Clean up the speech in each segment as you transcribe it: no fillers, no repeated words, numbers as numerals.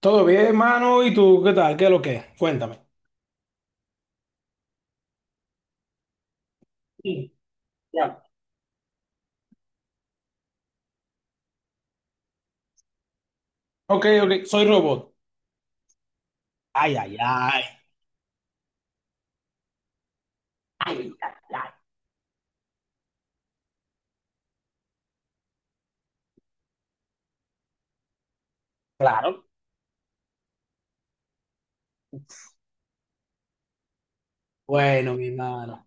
Todo bien, mano. ¿Y tú qué tal? ¿Qué es lo que es? Cuéntame. Sí, claro. Ok, ok. Soy robot. Ay, ay, ay. Ay, ay, ay. Claro. Bueno, mi hermano.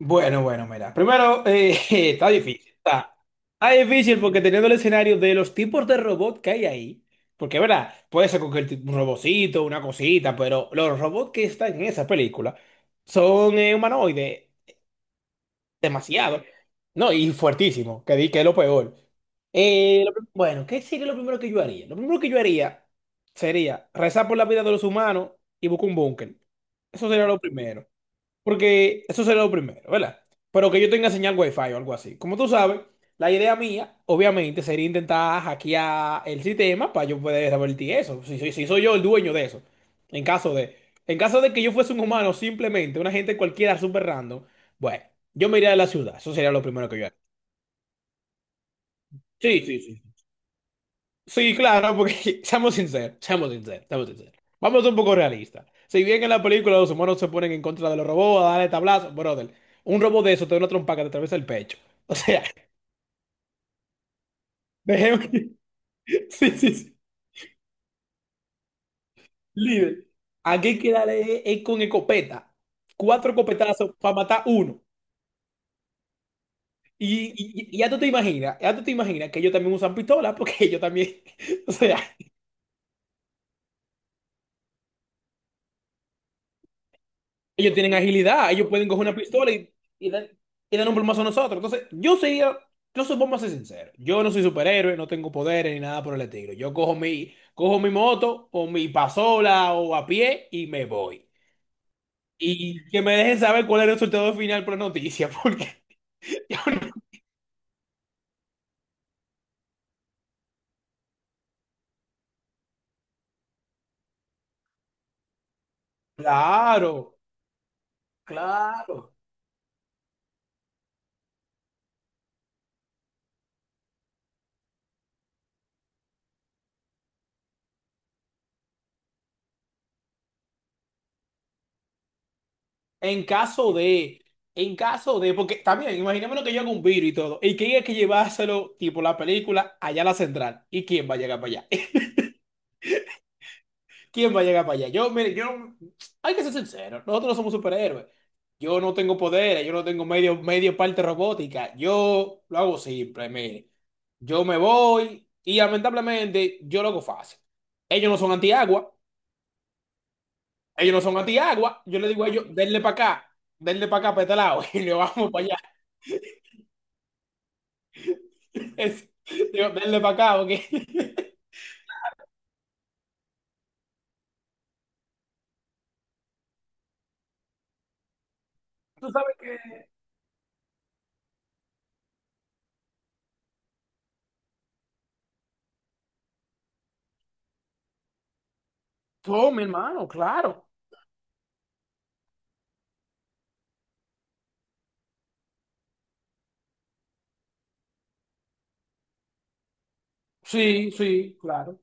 Bueno, bueno, mira. Primero, está difícil. Está difícil porque teniendo el escenario de los tipos de robot que hay ahí, porque, ¿verdad? Puede ser cualquier tipo, un robocito, una cosita, pero los robots que están en esa película son humanoides. Demasiado. No, y fuertísimo, que di que es lo peor. Bueno, ¿qué sería lo primero que yo haría? Lo primero que yo haría sería rezar por la vida de los humanos y buscar un búnker. Eso sería lo primero. Porque eso sería lo primero, ¿verdad? Pero que yo tenga señal wifi o algo así. Como tú sabes, la idea mía, obviamente, sería intentar hackear el sistema para yo poder revertir eso. Si soy yo el dueño de eso. En caso de, en caso de que yo fuese un humano, simplemente una gente cualquiera super random, bueno, yo me iría de la ciudad. Eso sería lo primero que yo haría. Sí, sí, sí. Sí, claro, porque seamos sinceros, seamos sinceros, seamos sinceros. Vamos a ser un poco realistas. Si bien en la película los humanos se ponen en contra de los robots a darle tablazo, brother, un robot de eso te da una trompa que te atraviesa el pecho. O sea, dejemos. Sí, sí, sí. Líder. Aquí hay que darle es con escopeta. Cuatro escopetazos para matar uno. Y ya tú te imaginas, ya tú te imaginas que ellos también usan pistola porque ellos también. O sea. Ellos tienen agilidad, ellos pueden coger una pistola y, dar- y dar un plumazo a nosotros. Entonces, yo sería, yo supongo vamos a ser sincero. Yo no soy superhéroe, no tengo poderes ni nada por el estilo. Cojo mi moto o mi pasola o a pie y me voy. Y que me dejen saber cuál es el resultado final por la noticia, porque yo no- claro, claro. En caso de, en caso de, porque también, imaginémonos que yo haga un virus y todo, y que hay que llevárselo, tipo la película, allá a la central. ¿Y quién va a llegar para allá? ¿Quién va a llegar para allá? Yo, mire, yo, hay que ser sincero, nosotros no somos superhéroes. Yo no tengo poderes, yo no tengo medio parte robótica. Yo lo hago simple, mire. Yo me voy y lamentablemente yo lo hago fácil. Ellos no son antiagua, ellos no son antiagua. Yo le digo a ellos, denle para acá, para este lado, y le vamos para allá. Es- digo, denle para acá, ok. Tú sabes que. Tome, hermano, claro. Sí, sí, claro.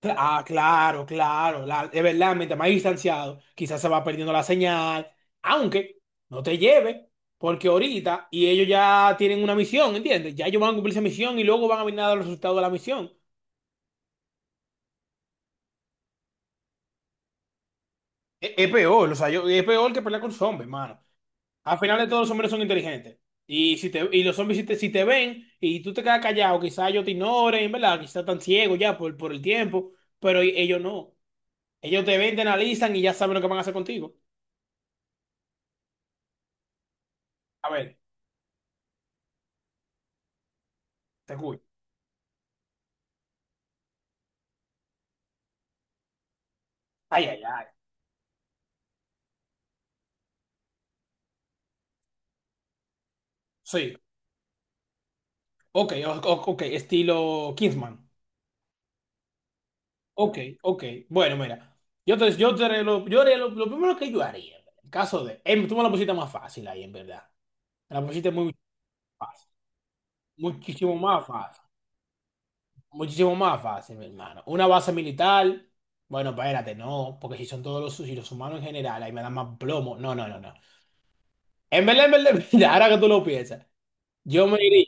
Ah, claro, claro. Es verdad, mientras más distanciado, quizás se va perdiendo la señal, aunque no te lleve, porque ahorita, y ellos ya tienen una misión, ¿entiendes? Ya ellos van a cumplir esa misión y luego van a venir a dar los resultados de la misión. Es peor, o sea, es peor que pelear con zombies, hermano. Al final de todo, los zombies son inteligentes. Y los zombies, si te ven y tú te quedas callado, quizás ellos te ignoren, ¿verdad? Quizás están ciegos ya por el tiempo, pero ellos no. Ellos te ven, te analizan y ya saben lo que van a hacer contigo. A ver, te escucho. Ay, ay, ay. Sí. Ok, estilo Kingsman. Ok, ok. Bueno, mira. Yo haré lo primero que yo haría, en el caso de. Tú me la pusiste más fácil ahí, en verdad. Me la pusiste muy fácil. Muchísimo más fácil. Muchísimo más fácil, mi hermano. Una base militar. Bueno, espérate, no. Porque si los humanos en general, ahí me dan más plomo. No, no, no, no. En verdad, en verdad, ahora que tú lo piensas. Yo me iría.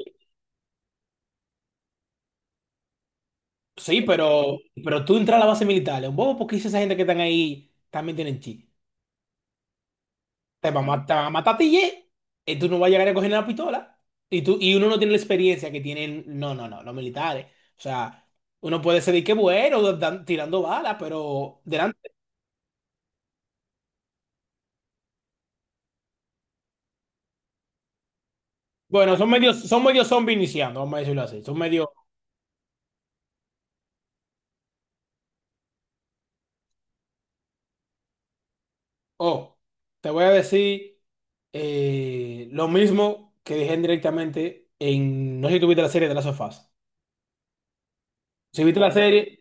Sí, pero tú entras a la base militar, es un bobo porque esa gente que están ahí también tienen chi. Te va a matar, te va a matar a ti, ye, y tú no vas a llegar a coger la pistola. Y, tú, y uno no tiene la experiencia que tienen, no, no, no, los militares. O sea, uno puede ser de que bueno, tirando balas, pero delante. Bueno, son medios zombies iniciando, vamos a decirlo así. Son medios, oh, te voy a decir lo mismo que dije directamente en, no sé si tuviste la serie de las sofás. Si viste la serie,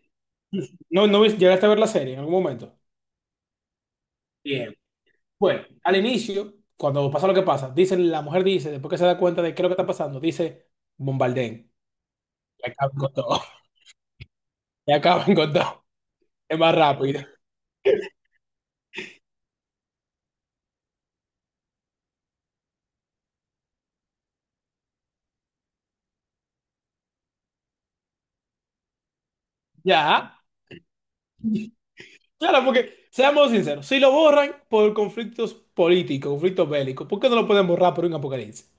no, llegaste a ver la serie en algún momento. Bien. Bueno, al inicio, cuando pasa lo que pasa, dicen, la mujer dice, después que se da cuenta de qué es lo que está pasando, dice, bombardeen, y acaben con todo, y acaben con todo, es más rápido. Ya, claro, porque seamos sinceros, si lo borran por conflictos políticos, conflictos bélicos, ¿por qué no lo pueden borrar por un apocalipsis?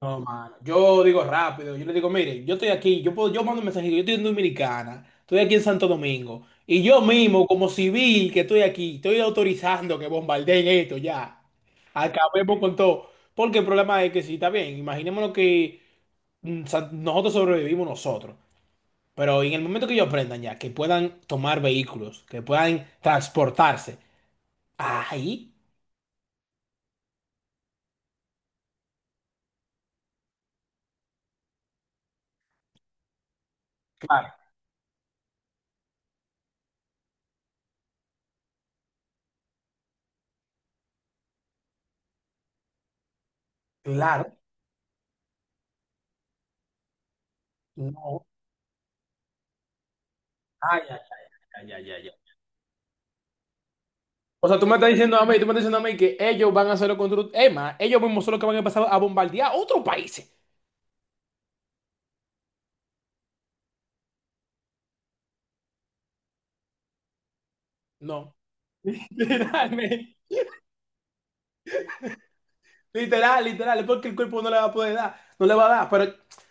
No, mano. Yo digo rápido, yo le digo, mire, yo estoy aquí, yo puedo, yo mando un mensajito, yo estoy en Dominicana, estoy aquí en Santo Domingo, y yo mismo, como civil que estoy aquí, estoy autorizando que bombardeen esto ya. Acabemos con todo. Porque el problema es que sí, está bien, imaginémonos que nosotros sobrevivimos nosotros, pero en el momento que ellos aprendan ya, que puedan tomar vehículos, que puedan transportarse, ahí, claro, claro, no, ay, ay, ay, ay, ay, ay. O sea, tú me estás diciendo a mí, tú me estás diciendo a mí que ellos van a hacerlo contra... Emma, ellos mismos son los que van a empezar a bombardear otros países. No. Literalmente. Literal, literal. Es porque el cuerpo no le va a poder dar. No le va a dar. Pero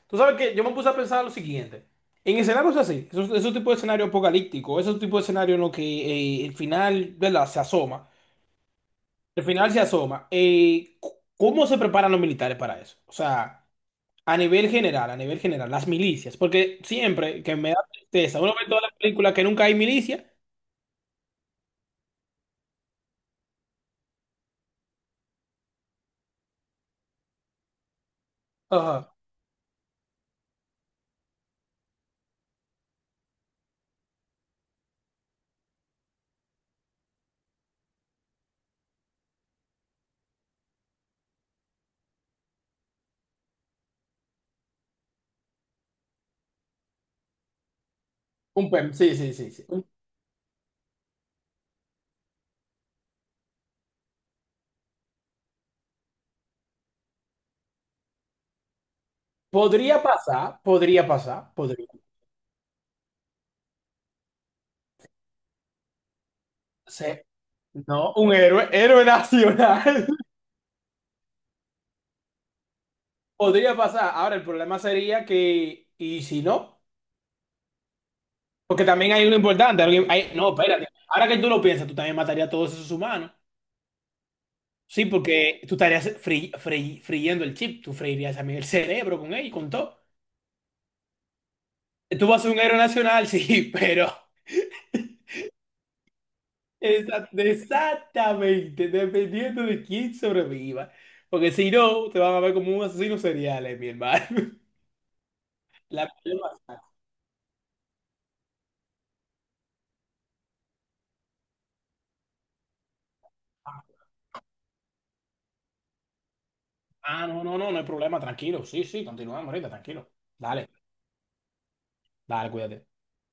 tú sabes que yo me puse a pensar lo siguiente. En escenarios así, esos tipos de escenario apocalíptico, esos tipos de escenario en los que el final, ¿verdad? Se asoma. El final se asoma. ¿Cómo se preparan los militares para eso? O sea... a nivel general, las milicias, porque siempre que me da tristeza, uno ve todas las películas que nunca hay milicia, ajá, un PEM, sí, sí, sí, sí. Un- Podría pasar, podría pasar, podría ser, no, un héroe, héroe nacional, podría pasar. Ahora, el problema sería que, y si no, porque también hay uno importante, alguien- hay- no, espérate, ahora que tú lo piensas, tú también matarías a todos esos humanos, sí, porque tú estarías friendo el chip, tú freirías también el cerebro con él, y con todo. Tú vas a ser un héroe nacional, sí, pero exactamente, dependiendo de quién sobreviva. Porque si no, te van a ver como un asesino serial, mi hermano. La Ah, no, no, no, no hay problema, tranquilo. Sí, sí, continúa, ahorita, tranquilo. Dale, dale, cuídate.